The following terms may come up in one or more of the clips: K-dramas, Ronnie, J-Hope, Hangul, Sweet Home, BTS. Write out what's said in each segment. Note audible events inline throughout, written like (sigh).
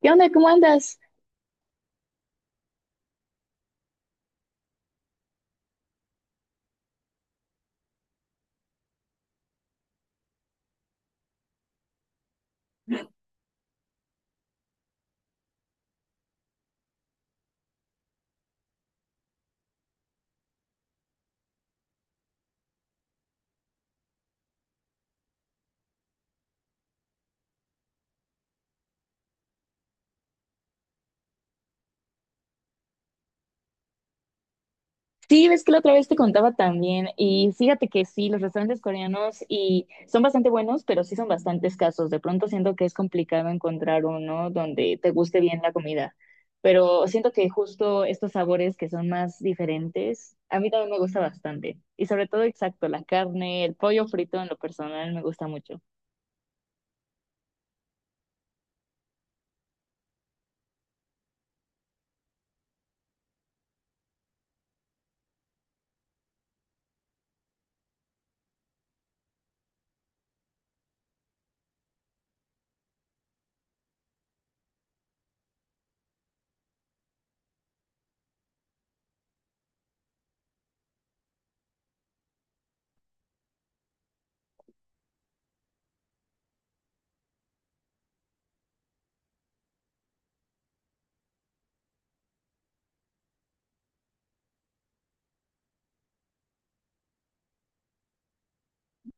¿Qué onda? ¿Cómo andas? Sí, ves que la otra vez te contaba también y fíjate que sí, los restaurantes coreanos y son bastante buenos, pero sí son bastante escasos. De pronto siento que es complicado encontrar uno donde te guste bien la comida, pero siento que justo estos sabores que son más diferentes, a mí también me gusta bastante. Y sobre todo, exacto, la carne, el pollo frito en lo personal me gusta mucho.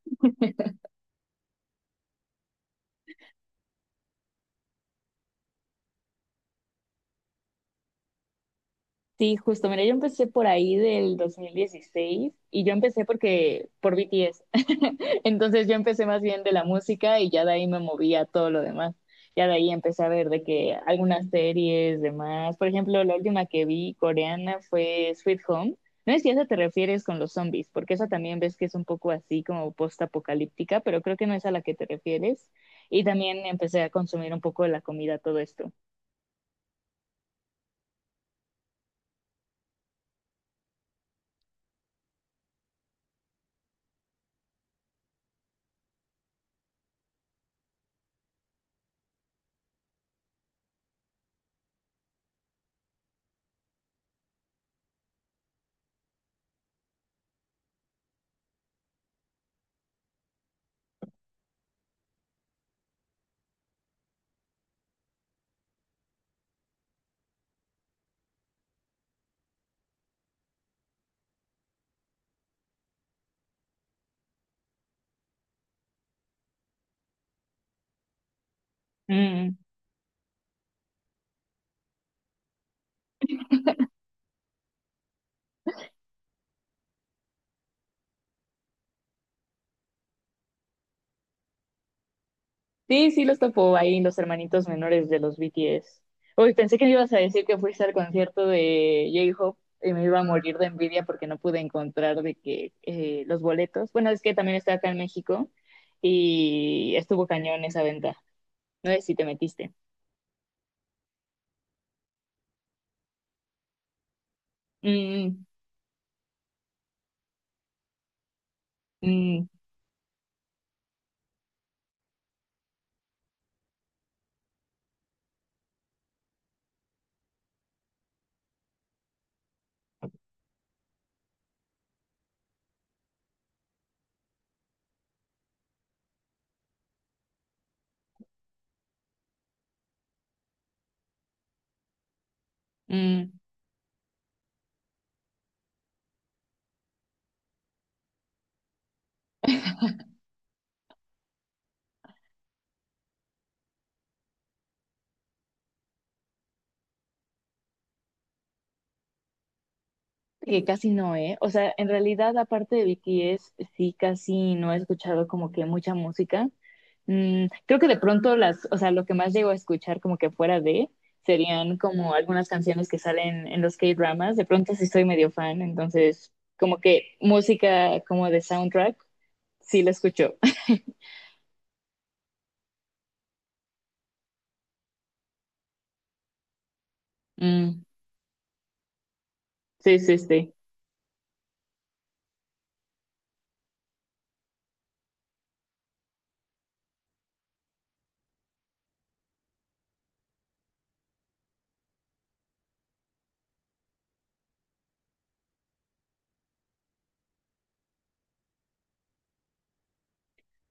(laughs) Sí, justo, mira, yo empecé por ahí del 2016 y yo empecé porque por BTS. (laughs) Entonces yo empecé más bien de la música y ya de ahí me moví a todo lo demás. Ya de ahí empecé a ver de que algunas series, demás. Por ejemplo, la última que vi coreana fue Sweet Home. No sé si a esa te refieres con los zombies, porque esa también ves que es un poco así como post-apocalíptica, pero creo que no es a la que te refieres. Y también empecé a consumir un poco de la comida, todo esto. Mm. Sí, sí, los topó ahí los hermanitos menores de los BTS. Uy, pensé que me ibas a decir que fuiste al concierto de J-Hope y me iba a morir de envidia porque no pude encontrar de que los boletos. Bueno, es que también está acá en México y estuvo cañón esa venta. No sé si te metiste. Mm, mm, mm. Mm. Que casi no, ¿eh? O sea, en realidad, aparte de BTS, sí, casi no he escuchado como que mucha música. Creo que de pronto las, o sea, lo que más llego a escuchar como que fuera de serían como algunas canciones que salen en los K-dramas. De pronto sí soy medio fan, entonces como que música como de soundtrack, sí la escucho. (laughs) Mm, sí, sí, sí.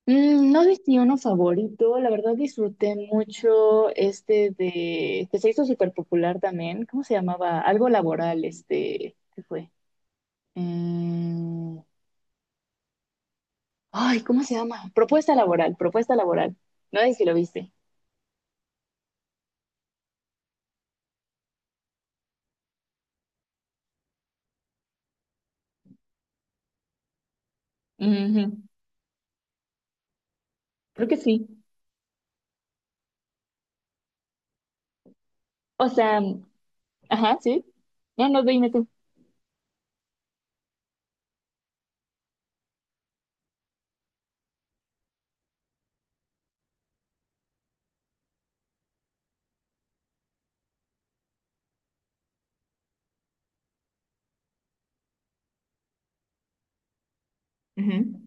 Mm, no sé si uno favorito, la verdad disfruté mucho este de, que se hizo súper popular también, ¿cómo se llamaba? Algo laboral, este, ¿qué fue? Mm, ay, ¿cómo se llama? Propuesta laboral, propuesta laboral. No sé si lo viste. Ujú. Creo que sí. O sea, ajá, sí. No, no, dime tú. Ujú.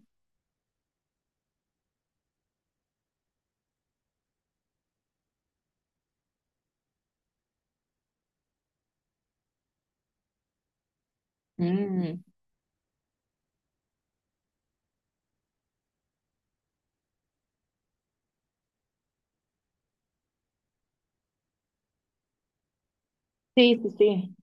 Mm, sí, sí, sí.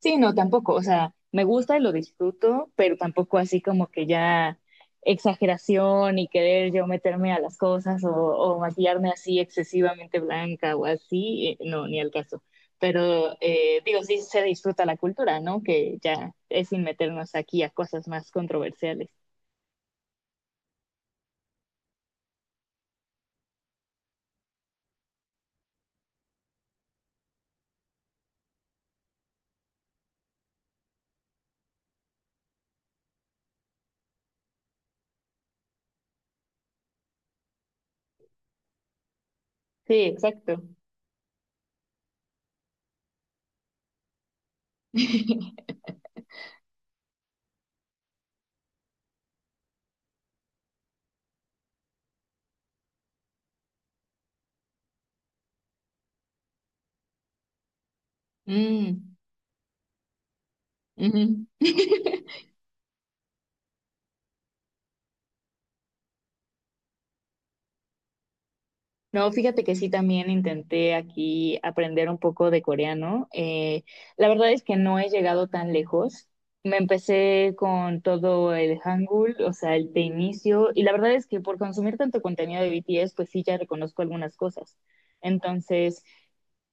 Sí, no, tampoco, o sea, me gusta y lo disfruto, pero tampoco así como que ya exageración y querer yo meterme a las cosas o maquillarme así excesivamente blanca o así, no, ni al caso. Pero digo, sí se disfruta la cultura, ¿no? Que ya es sin meternos aquí a cosas más controversiales. Sí, exacto. (laughs) Mm, ujú. No, fíjate que sí, también intenté aquí aprender un poco de coreano. La verdad es que no he llegado tan lejos. Me empecé con todo el Hangul, o sea, el de inicio, y la verdad es que por consumir tanto contenido de BTS, pues sí, ya reconozco algunas cosas. Entonces,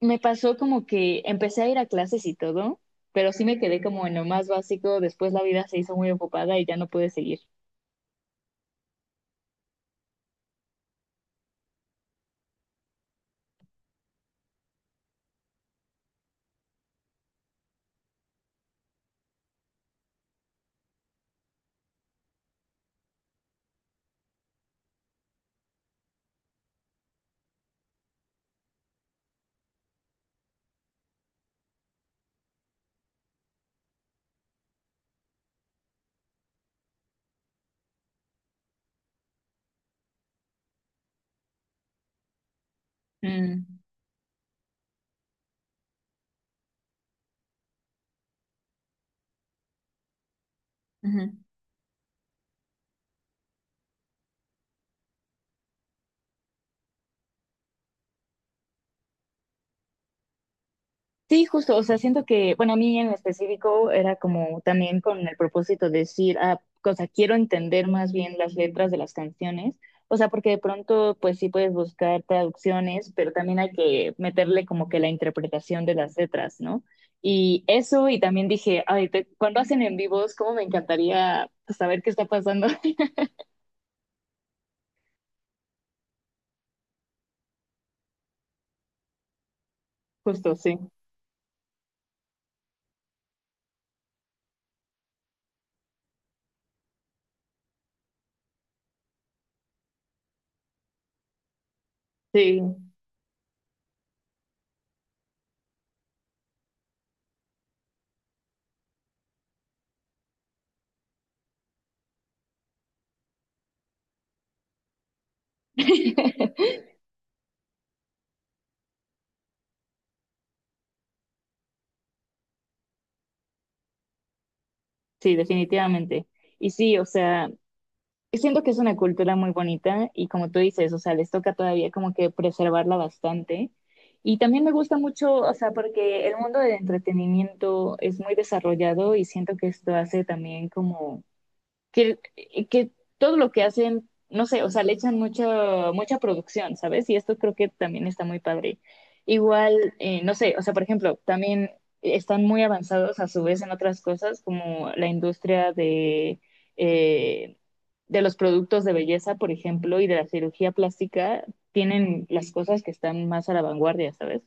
me pasó como que empecé a ir a clases y todo, pero sí me quedé como en lo más básico. Después la vida se hizo muy ocupada y ya no pude seguir. Mm, ujú. Sí, justo, o sea, siento que, bueno, a mí en específico era como también con el propósito de decir, ah, o sea, quiero entender más bien las letras de las canciones, o sea, porque de pronto, pues sí puedes buscar traducciones, pero también hay que meterle como que la interpretación de las letras, ¿no? Y eso, y también dije, ay, cuando hacen en vivos, cómo me encantaría pues, saber qué está pasando. (laughs) Justo, sí, sí, (laughs) sí, definitivamente. Y sí, o sea, siento que es una cultura muy bonita y como tú dices, o sea, les toca todavía como que preservarla bastante. Y también me gusta mucho, o sea, porque el mundo del entretenimiento es muy desarrollado y siento que esto hace también como que, que todo lo que hacen, no sé, o sea, le echan mucha, mucha producción, ¿sabes? Y esto creo que también está muy padre. Igual, no sé, o sea, por ejemplo, también están muy avanzados a su vez en otras cosas como la industria eh, de los productos de belleza, por ejemplo, y de la cirugía plástica, tienen las cosas que están más a la vanguardia, ¿sabes?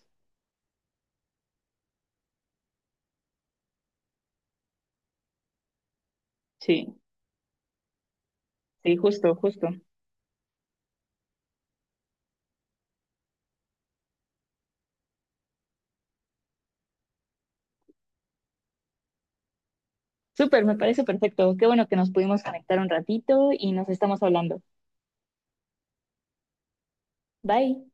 Sí, sí, justo, justo. Súper, me parece perfecto. Qué bueno que nos pudimos conectar un ratito y nos estamos hablando. Bye.